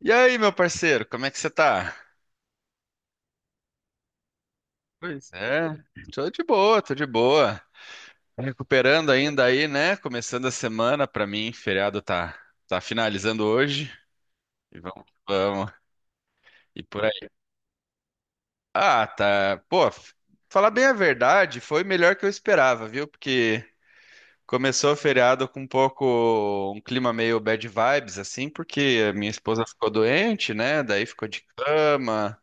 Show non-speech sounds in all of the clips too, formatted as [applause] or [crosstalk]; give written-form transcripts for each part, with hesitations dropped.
E aí, meu parceiro, como é que você tá? Pois é, tô de boa, tô de boa. Recuperando ainda aí, né? Começando a semana pra mim, feriado tá finalizando hoje. E vamos, vamos. E por aí. Ah, tá. Pô, falar bem a verdade, foi melhor que eu esperava, viu? Porque começou o feriado com um pouco um clima meio bad vibes assim, porque a minha esposa ficou doente, né? Daí ficou de cama.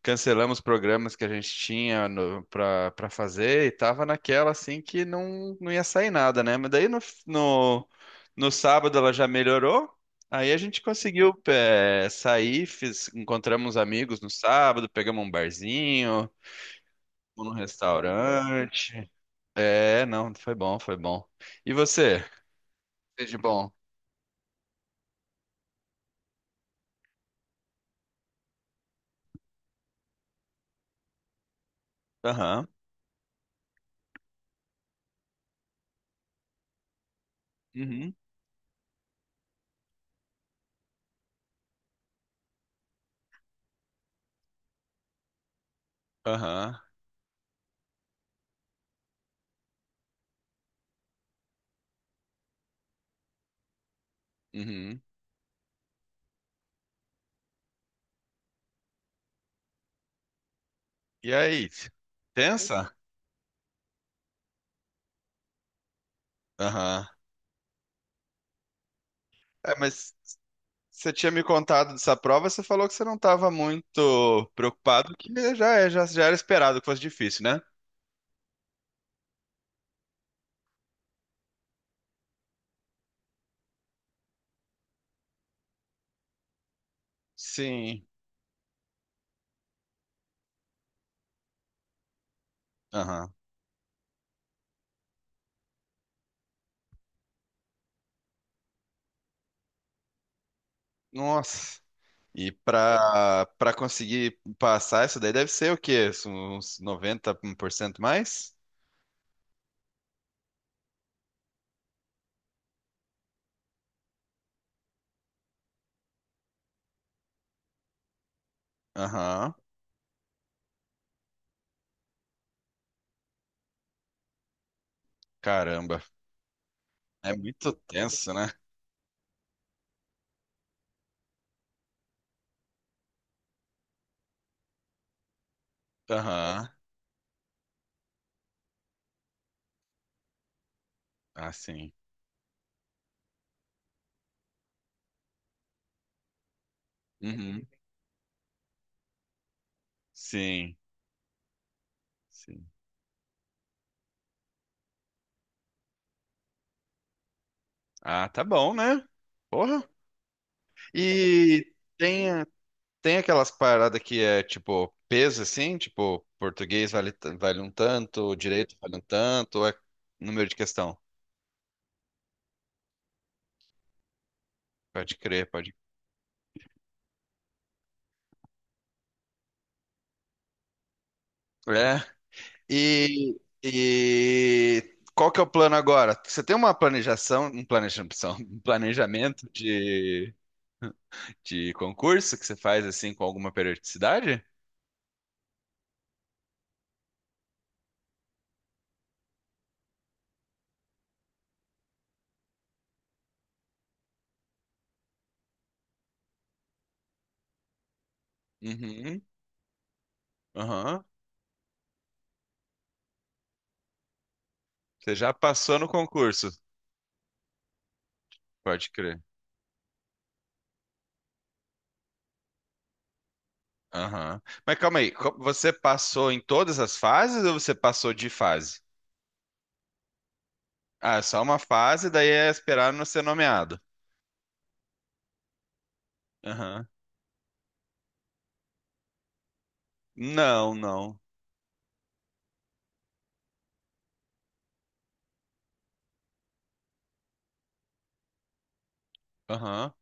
Cancelamos programas que a gente tinha no, pra, pra fazer e tava naquela assim que não, não ia sair nada, né? Mas daí no, no sábado ela já melhorou, aí a gente conseguiu sair, encontramos amigos no sábado, pegamos um barzinho, fomos num restaurante. É, não, foi bom, foi bom. E você? Fez de bom? Aham, uhum, aham, uhum. E aí? Tensa? Aham. É, mas Você tinha me contado dessa prova, você falou que você não estava muito preocupado, que já era esperado que fosse difícil, né? Sim. Aham. Nossa. E para conseguir passar isso daí deve ser o quê? Uns 90% mais? Aham. Caramba. É muito tenso, né? Aham. Ah, sim. Uhum. Sim. Sim. Ah, tá bom, né? Porra. E tem Tem aquelas paradas que é tipo peso assim, tipo português vale, vale um tanto, direito vale um tanto, ou é número de questão. Pode crer, pode. É. E, e qual que é o plano agora? Você tem uma planejação, um planejação, [laughs] um planejamento de concurso que você faz assim com alguma periodicidade? Uhum. Aham. Você já passou no concurso, pode crer. Aham. Mas calma aí, você passou em todas as fases ou você passou de fase? Ah, é só uma fase, daí é esperar não ser nomeado. Aham. Não, não. Aham.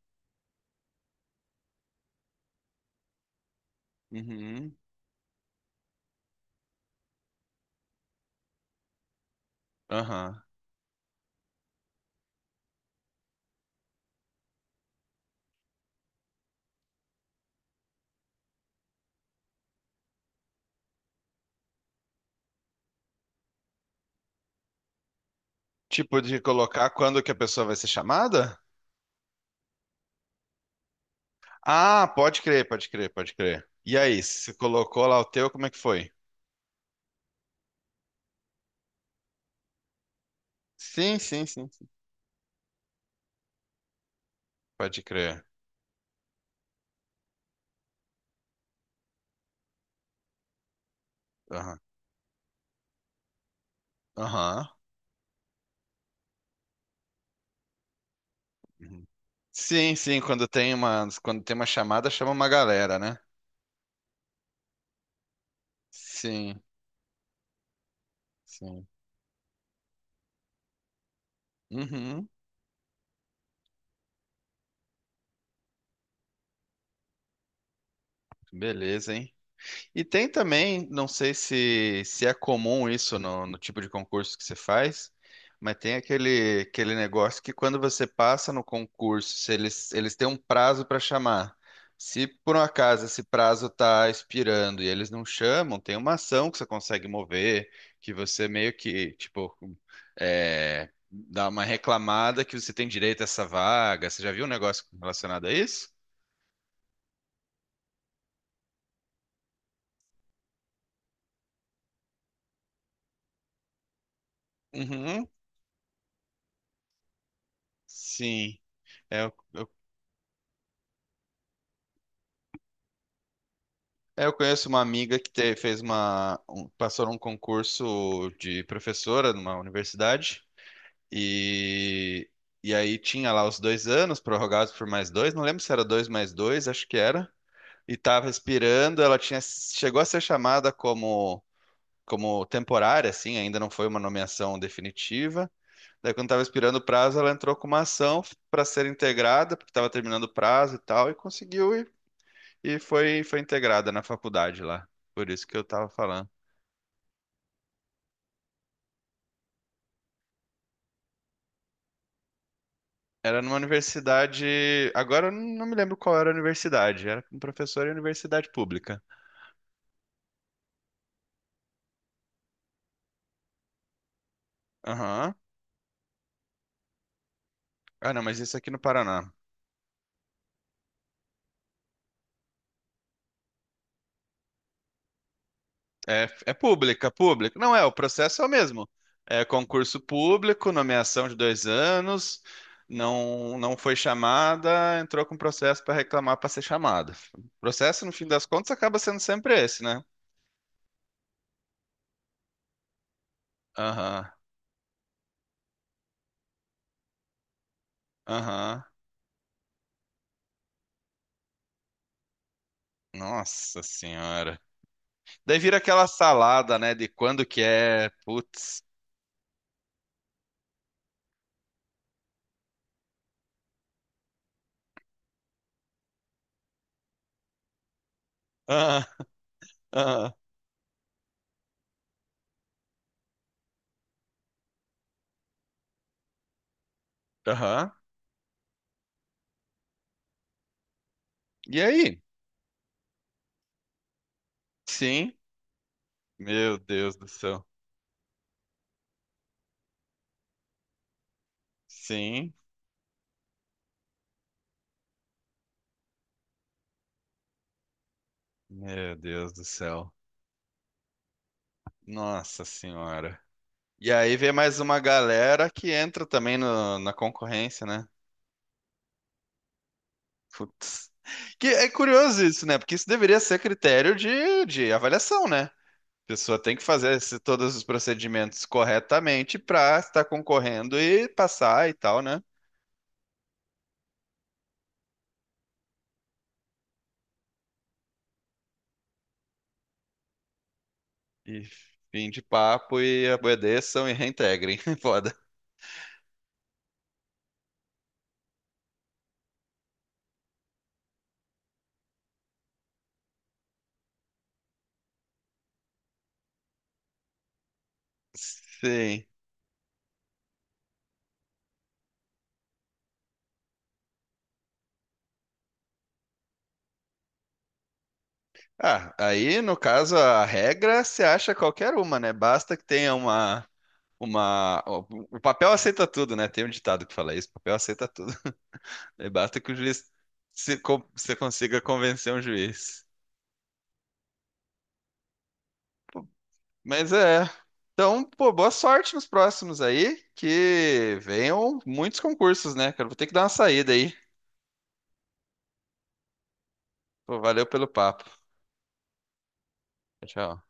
Uhum. Aham. Tipo de colocar quando que a pessoa vai ser chamada? Ah, pode crer, pode crer, pode crer. E aí, você colocou lá o teu, como é que foi? Sim, sim, sim, sim. Pode crer. Aham. Aham. Uhum. Sim, sim, quando tem uma chamada, chama uma galera, né? Sim, sim. Uhum, beleza, hein? E tem também, não sei se é comum isso no tipo de concurso que você faz, mas tem aquele negócio que quando você passa no concurso, se eles, eles têm um prazo para chamar. Se por um acaso esse prazo está expirando e eles não chamam, tem uma ação que você consegue mover, que você meio que, tipo, é, dá uma reclamada que você tem direito a essa vaga. Você já viu um negócio relacionado a isso? Uhum, Sim. É, eu, eu, eu conheço uma amiga que fez uma, passou num concurso de professora numa universidade e, e aí tinha lá os 2 anos prorrogados por mais dois, não lembro se era dois mais dois, acho que era. E estava expirando, ela tinha, chegou a ser chamada como, como temporária, assim, ainda não foi uma nomeação definitiva. Daí quando estava expirando o prazo, ela entrou com uma ação para ser integrada, porque estava terminando o prazo e tal, e conseguiu. E foi, foi integrada na faculdade lá. Por isso que eu tava falando. Era numa universidade. Agora eu não me lembro qual era a universidade. Era um professor em universidade pública. Aham. Ah, não, mas isso aqui no Paraná. É, é pública, pública. Não é, o processo é o mesmo. É concurso público, nomeação de 2 anos. Não, não foi chamada, entrou com processo para reclamar para ser chamada. O processo, no fim das contas, acaba sendo sempre esse, né? Aham, aham. Nossa senhora. Daí vira aquela salada, né? De quando que é, putz. Ah, ah, aham. E aí? Sim. Meu Deus do céu. Sim. Meu Deus do céu. Nossa Senhora. E aí vem mais uma galera que entra também na concorrência, né? Putz. Que é curioso isso, né? Porque isso deveria ser critério de avaliação, né? A pessoa tem que fazer todos os procedimentos corretamente para estar concorrendo e passar e tal, né? E fim de papo e obedeçam e reintegrem. [laughs] Foda. Sim. Ah, aí no caso a regra se acha qualquer uma, né? Basta que tenha uma... O papel aceita tudo, né? Tem um ditado que fala isso, o papel aceita tudo. [laughs] E basta que o juiz se, con- você consiga convencer um juiz. Mas é. Então, pô, boa sorte nos próximos aí, que venham muitos concursos, né? Cara, vou ter que dar uma saída aí. Pô, valeu pelo papo. Tchau.